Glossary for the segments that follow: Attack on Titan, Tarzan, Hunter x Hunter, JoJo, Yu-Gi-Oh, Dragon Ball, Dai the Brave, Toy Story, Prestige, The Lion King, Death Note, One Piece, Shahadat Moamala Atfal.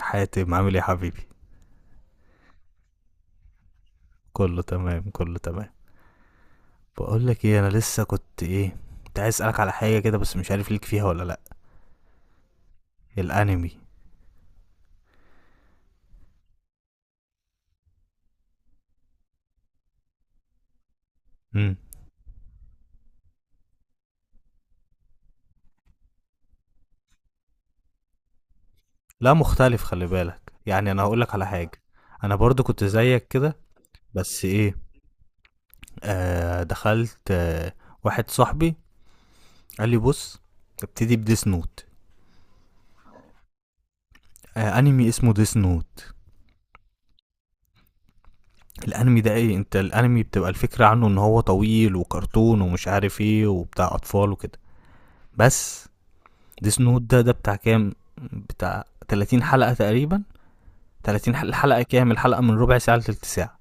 حاتم عامل ايه يا حبيبي؟ كله تمام، كله تمام. بقول لك ايه، انا لسه كنت ايه، كنت عايز اسالك على حاجه كده بس مش عارف ليك فيها ولا لا. الانمي. امم لا مختلف، خلي بالك، يعني انا هقول لك على حاجه. انا برضو كنت زيك كده، بس ايه، دخلت واحد صاحبي قال لي بص، ابتدي بديس نوت. انمي اسمه ديس نوت. الانمي ده، ايه انت، الانمي بتبقى الفكره عنه ان هو طويل وكرتون ومش عارف ايه وبتاع اطفال وكده. بس ديس نوت ده بتاع كام؟ بتاع 30 حلقة تقريبا. 30 حلقة، الحلقة كام؟ الحلقة من ربع ساعة لتلت ساعة.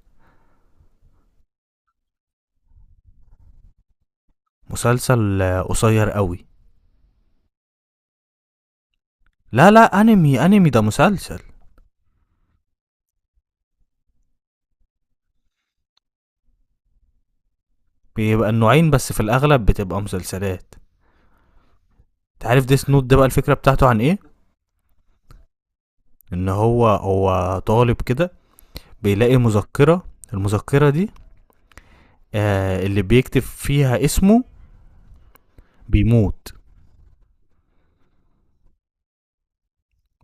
مسلسل قصير قوي. لا لا، انمي، انمي ده مسلسل. بيبقى النوعين، بس في الاغلب بتبقى مسلسلات. تعرف ديس نوت ده بقى الفكرة بتاعته عن ايه؟ ان هو طالب كده، بيلاقي مذكرة. المذكرة دي، اللي بيكتب فيها اسمه بيموت.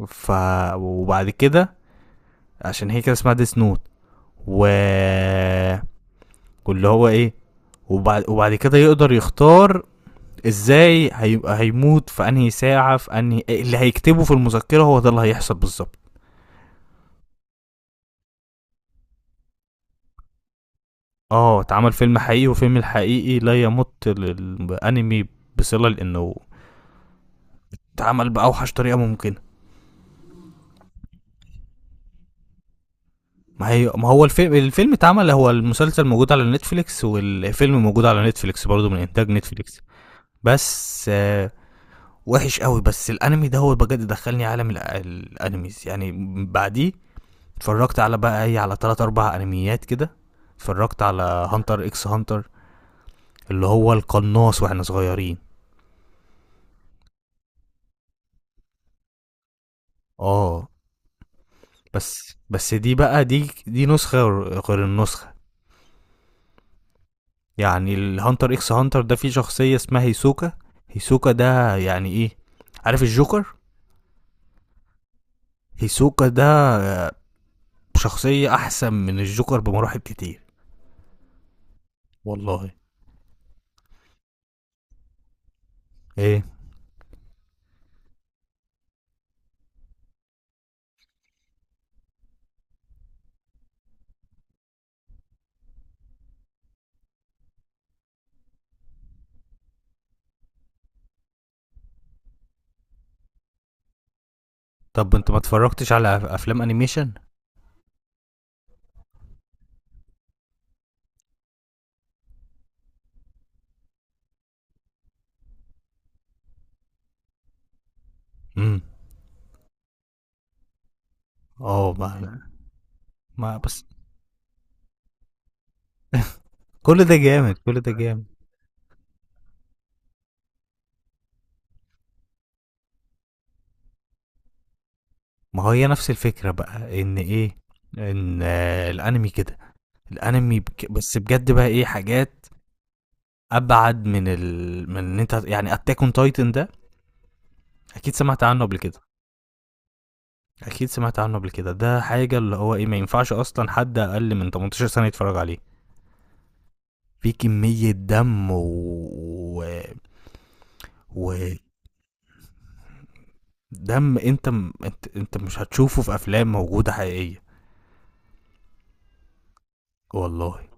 ف وبعد كده، عشان هي كده اسمها ديس نوت، و واللي هو ايه، وبعد كده يقدر يختار ازاي هيموت، في انهي ساعه، في انهي اللي هيكتبه في المذكره هو ده اللي هيحصل بالظبط. اه، اتعمل فيلم حقيقي، وفيلم الحقيقي لا يمت للانمي بصله، لانه اتعمل باوحش طريقه ممكنه. ما هي، ما هو الفيلم، الفيلم اتعمل، هو المسلسل موجود على نتفليكس والفيلم موجود على نتفليكس برضه من انتاج نتفليكس. بس وحش قوي، بس الانمي ده هو بجد دخلني عالم الانميز يعني. بعديه اتفرجت على بقى ايه، على تلات اربع انميات كده. اتفرجت على هانتر اكس هانتر، اللي هو القناص واحنا صغيرين. اه، بس بس دي بقى، دي نسخة غير النسخة. يعني الهانتر اكس هانتر ده فيه شخصية اسمها هيسوكا. هيسوكا ده يعني ايه؟ عارف الجوكر؟ هيسوكا ده آه، شخصية احسن من الجوكر بمراحل كتير. والله. ايه. طب انت ما اتفرجتش على افلام انيميشن؟ امم اه، ما بس. كل ده جامد، كل ده جامد. ما هي نفس الفكرة بقى، ان ايه، ان الانمي كده. الانمي بك، بس بجد بقى ايه، حاجات ابعد من ال، من ان انت يعني، اتاك اون تايتن ده اكيد سمعت عنه قبل كده. اكيد سمعت عنه قبل كده، ده حاجة اللي هو ايه، ما ينفعش اصلا حد اقل من 18 سنة يتفرج عليه. في كمية دم و... و... دم انت انت، انت مش هتشوفه في افلام موجودة حقيقية. والله.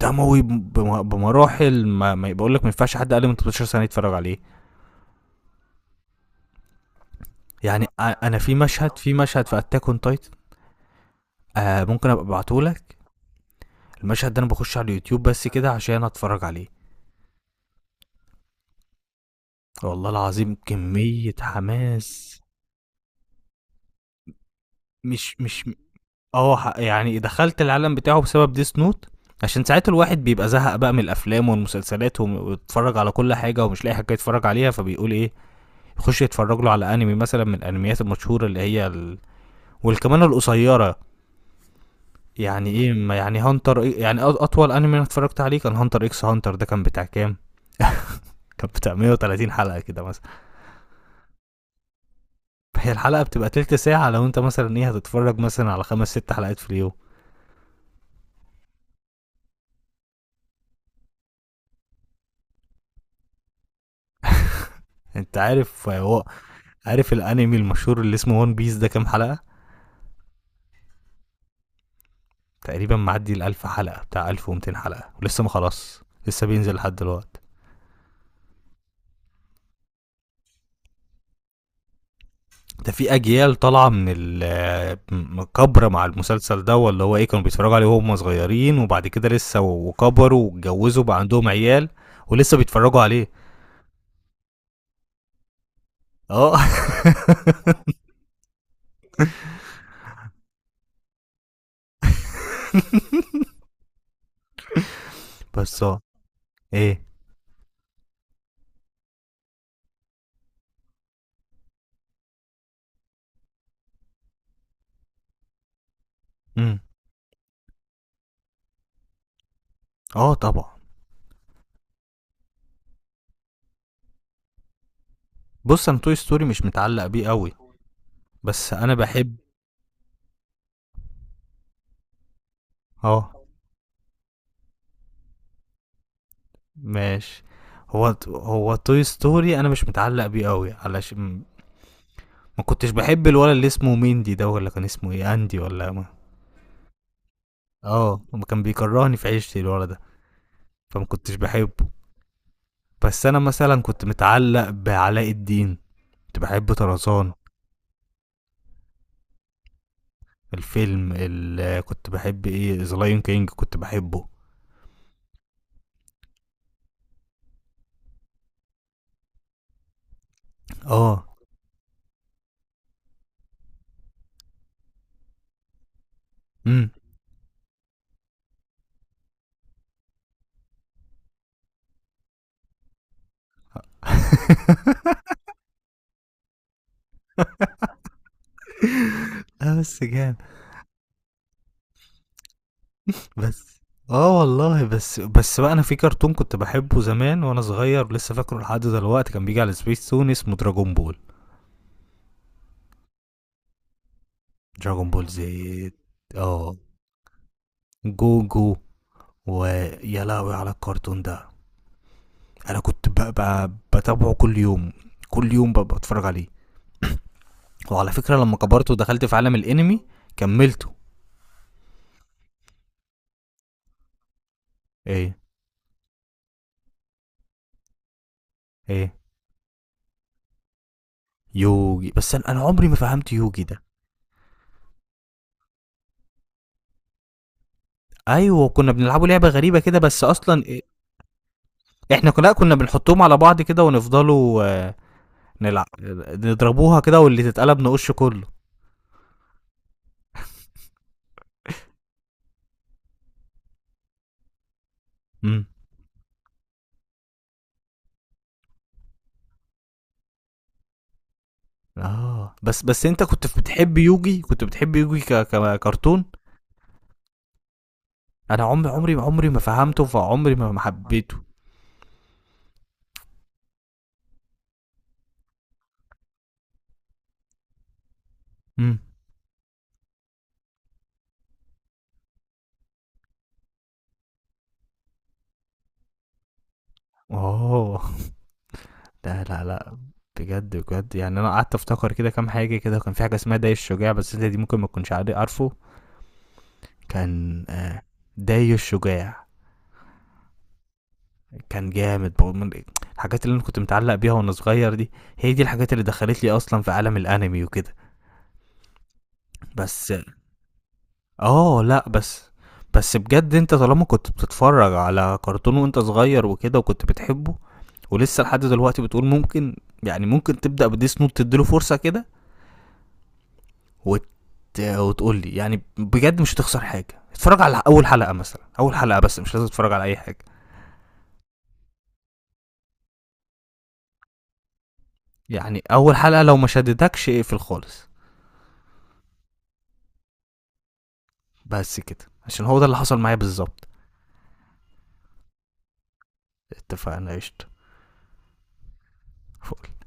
دموي بمراحل، ما بقول لك، ما ينفعش حد اقل من 18 سنه يتفرج عليه. يعني انا في مشهد، في مشهد في اتاك اون تايتن، ممكن ابقى ابعتهولك. المشهد ده انا بخش على اليوتيوب بس كده عشان اتفرج عليه. والله العظيم كمية حماس. مش مش اه، يعني دخلت العالم بتاعه بسبب ديس نوت. عشان ساعات الواحد بيبقى زهق بقى من الافلام والمسلسلات ويتفرج على كل حاجه ومش لاقي حاجه يتفرج عليها، فبيقول ايه، يخش يتفرج له على انمي مثلا من الانميات المشهوره اللي هي ال... والكمان القصيره. يعني ايه، ما يعني هانتر إيه؟ يعني اطول انمي انا اتفرجت عليه كان هانتر اكس هانتر، ده كان بتاع كام؟ كان بتاع 130 حلقه كده مثلا. هي الحلقه بتبقى تلت ساعه، لو انت مثلا ايه، هتتفرج مثلا على خمس ست حلقات في اليوم. انت عارف، عارف الانمي المشهور اللي اسمه ون بيس ده كام حلقه؟ تقريبا معدي ال 1000 حلقه، بتاع 1200 حلقه، ولسه ما خلاص، لسه بينزل لحد دلوقتي. ده في اجيال طالعه من الكبره مع المسلسل ده، اللي هو ايه، كانوا بيتفرجوا عليه وهم صغيرين، وبعد كده لسه وكبروا واتجوزوا بقى عندهم عيال ولسه بيتفرجوا عليه. اه. بس اه. ايه. امم اه طبعا. بص انا توي ستوري مش متعلق بيه قوي، بس انا بحب. اه ماشي. هو توي ستوري انا مش متعلق بيه قوي علشان ما كنتش بحب الولد اللي اسمه ميندي ده، ولا كان اسمه ايه، اندي ولا ما. اه، ما كان بيكرهني في عيشتي الولد ده. فما كنتش بحبه. بس انا مثلا كنت متعلق بعلاء الدين، كنت بحب طرزان. الفيلم اللي كنت بحب ايه، ذا لايون كينج، كنت بحبه. اه. امم اه بس جامد. بس اه والله، بس بس بقى، انا في كرتون كنت بحبه زمان وانا صغير لسه فاكره لحد دلوقتي، كان بيجي على سبيس تون، اسمه دراجون بول. دراجون بول زيت. اه. جوجو. ويا لهوي على الكرتون ده، انا كنت بتابعه كل يوم، كل يوم بتفرج عليه. وعلى فكره لما كبرت ودخلت في عالم الانمي كملته. ايه. ايه. يوجي؟ بس انا، عمري ما فهمت يوجي ده. ايوه، كنا بنلعبه لعبه غريبه كده بس اصلا إيه؟ احنا كنا بنحطهم على بعض كده ونفضلوا نلعب، نضربوها كده واللي تتقلب نقش كله. امم اه، بس بس انت كنت بتحب يوجي؟ كنت بتحب يوجي ككرتون؟ انا عمري ما فهمته، فعمري ما حبيته. امم اوه. لا لا لا. بجد بجد، يعني انا قعدت افتكر كده كام حاجه كده، كان في حاجه اسمها داي الشجاع، بس انت دي ممكن ما تكونش عارفه. كان داي الشجاع كان جامد بقى، من الحاجات اللي انا كنت متعلق بيها وانا صغير دي. هي دي الحاجات اللي دخلت لي اصلا في عالم الانمي وكده. بس. اه لا بس، بس بجد انت طالما كنت بتتفرج على كرتون وانت صغير وكده وكنت بتحبه، ولسه لحد دلوقتي بتقول ممكن، يعني ممكن تبدأ بديس نوت، تديله فرصة كده، وت... وتقول لي يعني بجد مش هتخسر حاجه، اتفرج على اول حلقه مثلا، اول حلقه بس مش لازم تتفرج على اي حاجه. يعني اول حلقه لو ما شدتكش اقفل خالص. بس كده عشان هو ده اللي حصل معايا بالظبط. اتفقنا قشطه. فول.